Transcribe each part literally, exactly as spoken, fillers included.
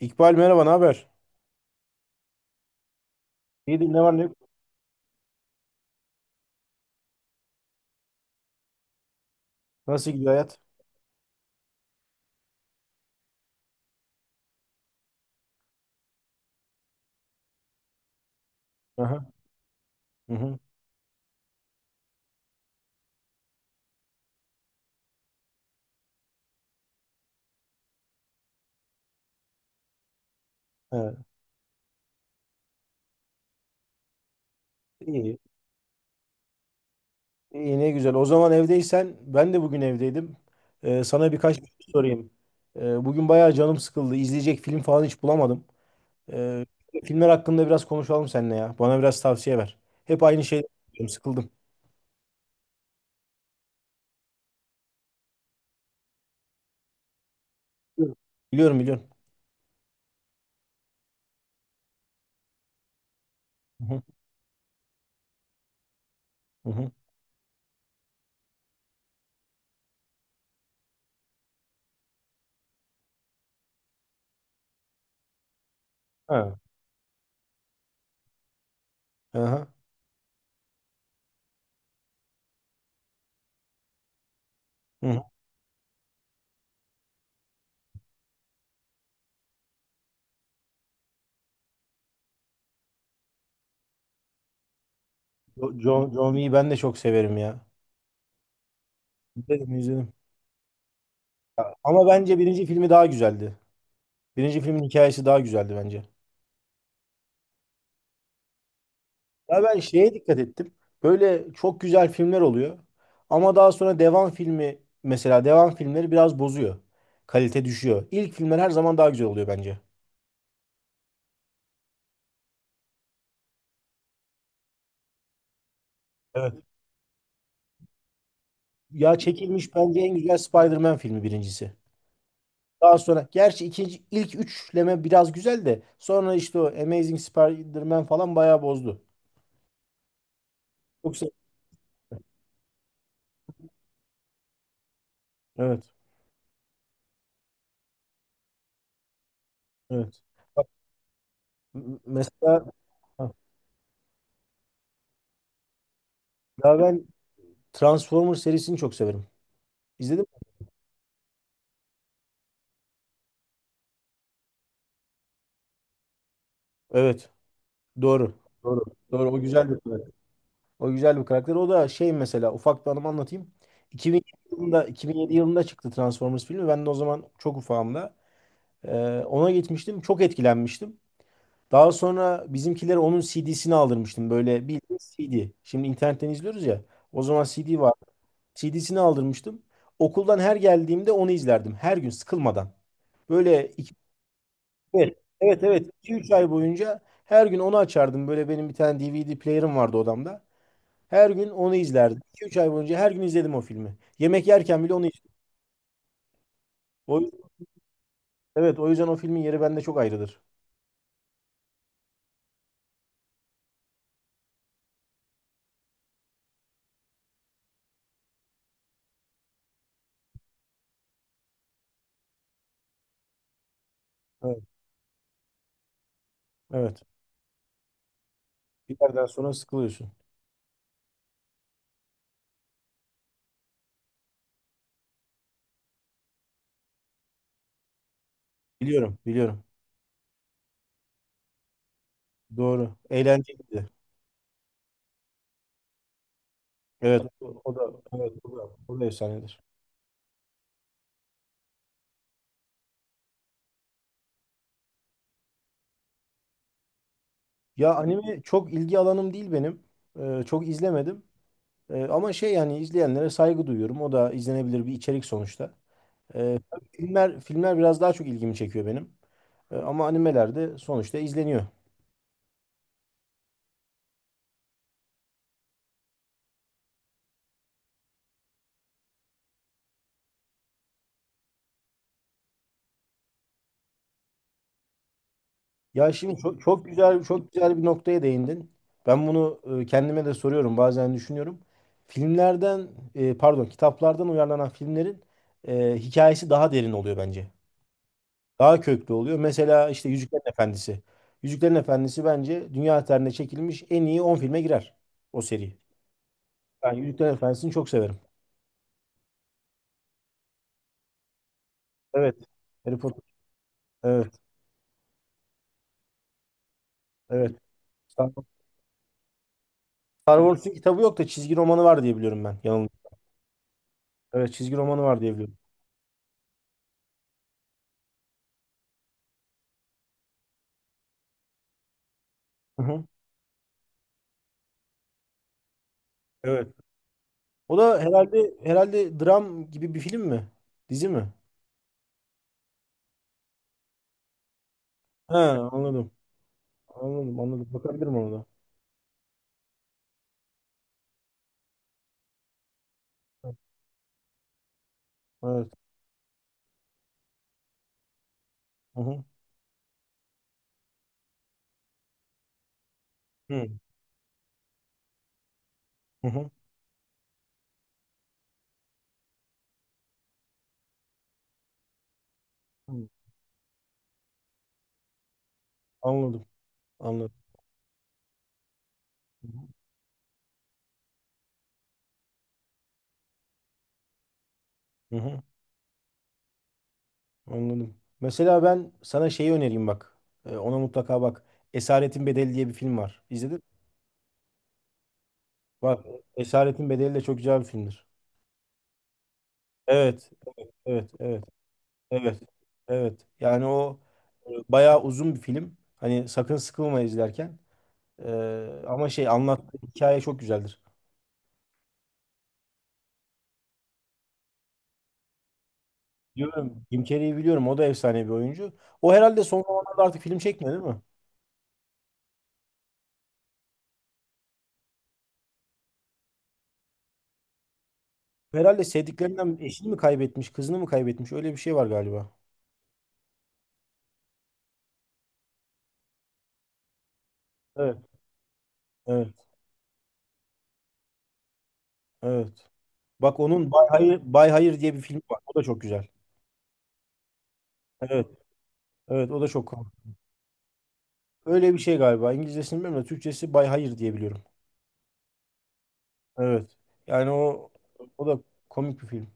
İkbal merhaba, ne haber? İyidir, ne var ne yok? Nasıl gidiyor hayat? Aha. Hı hı. Evet. İyi. İyi, ne güzel. O zaman evdeysen, ben de bugün evdeydim. Ee, sana birkaç bir şey sorayım. Ee, bugün bayağı canım sıkıldı. İzleyecek film falan hiç bulamadım. Ee, Filmler hakkında biraz konuşalım seninle ya. Bana biraz tavsiye ver. Hep aynı şey yapıyorum, sıkıldım. Biliyorum, biliyorum, biliyorum. Hı hı. Hı hı. Ha. Aha. Hı hı. Jo- John, John Woo'yu ben de çok severim ya. İzledim, izledim. Ama bence birinci filmi daha güzeldi. Birinci filmin hikayesi daha güzeldi bence. Ya ben şeye dikkat ettim. Böyle çok güzel filmler oluyor. Ama daha sonra devam filmi, mesela devam filmleri biraz bozuyor. Kalite düşüyor. İlk filmler her zaman daha güzel oluyor bence. Evet. Ya çekilmiş bence en güzel Spider-Man filmi birincisi. Daha sonra gerçi ikinci, ilk üçleme biraz güzel de sonra işte o Amazing Spider-Man falan bayağı bozdu. Yoksa evet. Evet. Bak, m- Mesela ha, ya ben Transformers serisini çok severim. İzledin mi? Evet. Doğru. Doğru. Doğru. O güzel bir karakter. O güzel bir karakter. O da şey, mesela ufak bir anımı anlatayım. iki bin yedi yılında iki bin yedi yılında çıktı Transformers filmi. Ben de o zaman çok ufağımda. Ee, Ona gitmiştim. Çok etkilenmiştim. Daha sonra bizimkilere onun C D'sini aldırmıştım. Böyle bildiğin C D. Şimdi internetten izliyoruz ya. O zaman C D var. C D'sini aldırmıştım. Okuldan her geldiğimde onu izlerdim. Her gün sıkılmadan. Böyle Evet, evet, evet. iki üç ay boyunca her gün onu açardım. Böyle benim bir tane D V D player'ım vardı odamda. Her gün onu izlerdim. iki üç ay boyunca her gün izledim o filmi. Yemek yerken bile onu izledim. O, evet, o yüzden o filmin yeri bende çok ayrıdır. Evet, evet. Bir yerden sonra sıkılıyorsun. Biliyorum, biliyorum. Doğru. Eğlenceliydi. Evet, o o da, evet, o da, o da efsanedir. Ya anime çok ilgi alanım değil benim. Ee, çok izlemedim. Ee, ama şey, yani izleyenlere saygı duyuyorum. O da izlenebilir bir içerik sonuçta. Ee, tabii filmler filmler biraz daha çok ilgimi çekiyor benim. Ee, ama animeler de sonuçta izleniyor. Ya şimdi çok, çok güzel, çok güzel bir noktaya değindin. Ben bunu e, kendime de soruyorum, bazen düşünüyorum. Filmlerden e, pardon, kitaplardan uyarlanan filmlerin e, hikayesi daha derin oluyor bence. Daha köklü oluyor. Mesela işte Yüzüklerin Efendisi. Yüzüklerin Efendisi bence dünya tarihinde çekilmiş en iyi on filme girer, o seri. Ben Yüzüklerin Efendisi'ni çok severim. Evet. Harry Potter. Evet, evet. Star Wars'un kitabı yok da çizgi romanı var diye biliyorum ben. Yanılmıyorum. Evet, çizgi romanı var diye biliyorum. Hı hı. Evet. O da herhalde, herhalde dram gibi bir film mi? Dizi mi? He, anladım. Anladım, anladım. Bakabilirim ona da. Evet. Hı hı. Hı hı. Hı. Anladım. Anladım. Hı hı. Hı hı. Anladım. Mesela ben sana şeyi önereyim bak. Ee, ona mutlaka bak. Esaretin Bedeli diye bir film var. İzledin mi? Bak, Esaretin Bedeli de çok güzel bir filmdir. Evet. Evet. Evet. Evet. Evet. Yani o e, bayağı uzun bir film. Hani sakın sıkılma izlerken. Ee, ama şey, anlattığı hikaye çok güzeldir. Diyorum, Jim Carrey'i biliyorum. O da efsane bir oyuncu. O herhalde son zamanlarda artık film çekmiyor, değil mi? Herhalde sevdiklerinden eşini mi kaybetmiş, kızını mı kaybetmiş? Öyle bir şey var galiba. Evet. Evet. Evet. Bak, onun Bay Hayır, Bay Hayır diye bir film var. O da çok güzel. Evet. Evet. O da çok. Öyle bir şey galiba. İngilizcesini bilmiyorum da Türkçesi Bay Hayır diye biliyorum. Evet. Yani o o da komik bir film.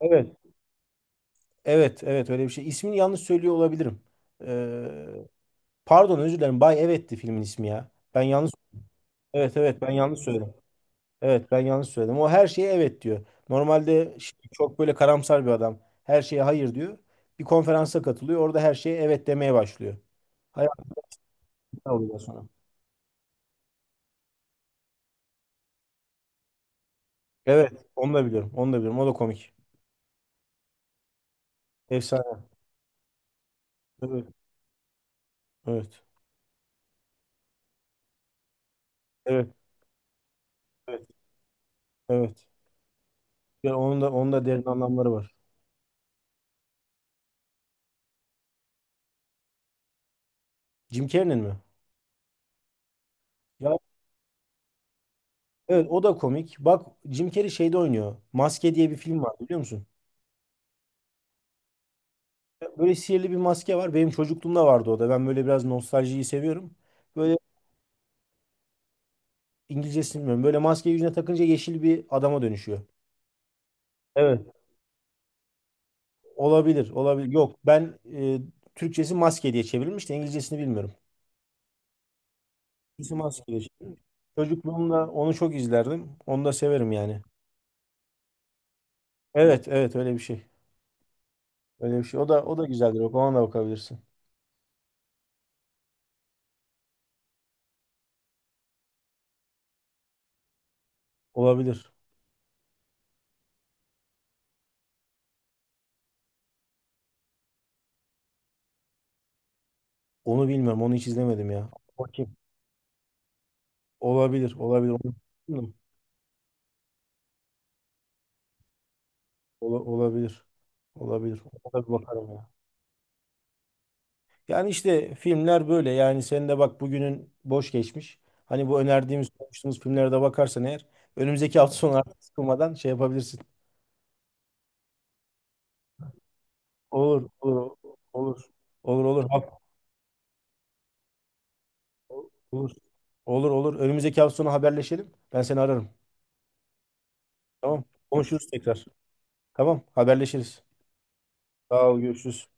Evet. Evet, evet, öyle bir şey. İsmini yanlış söylüyor olabilirim. Ee, Pardon, özür dilerim. Bay Evet'ti filmin ismi ya. Ben yanlış. Evet, evet, ben yanlış söyledim. Evet, ben yanlış söyledim. O her şeye evet diyor. Normalde şey, çok böyle karamsar bir adam. Her şeye hayır diyor. Bir konferansa katılıyor. Orada her şeye evet demeye başlıyor. Hayatına oluyor sonra. Evet, onu da biliyorum. Onu da biliyorum. O da komik. Efsane. Evet. Evet. Evet. Evet. Evet. Ya onun da, onun da derin anlamları var. Jim Carrey'nin mi? Ya, evet o da komik. Bak, Jim Carrey şeyde oynuyor. Maske diye bir film var, biliyor musun? Böyle sihirli bir maske var. Benim çocukluğumda vardı o da. Ben böyle biraz nostaljiyi seviyorum. Böyle İngilizcesini bilmiyorum. Böyle maskeyi yüzüne takınca yeşil bir adama dönüşüyor. Evet. Olabilir, olabilir. Yok, ben e, Türkçesi maske diye çevrilmiş de İngilizcesini bilmiyorum. Türkçesi maske diye çevrilmiş. Çocukluğumda onu çok izlerdim. Onu da severim yani. Evet, evet, öyle bir şey. Öyle bir şey. O da o da güzeldir. Bak, ona da bakabilirsin. Olabilir. Onu bilmiyorum. Onu hiç izlemedim ya. Bakayım. Olabilir. Olabilir. Onu bilmiyorum. Ola- olabilir. Olabilir. Ona bir bakarım ya. Yani işte filmler böyle. Yani sen de bak, bugünün boş geçmiş. Hani bu önerdiğimiz, konuştuğumuz filmlere de bakarsan eğer, önümüzdeki hafta sonu artık sıkılmadan şey yapabilirsin. Olur. Olur. Olur. Olur. Olur. Ha- Olur. Olur. Olur. Önümüzdeki hafta sonu haberleşelim. Ben seni ararım. Tamam. Konuşuruz tekrar. Tamam. Haberleşiriz. Sağ ol. Görüşürüz.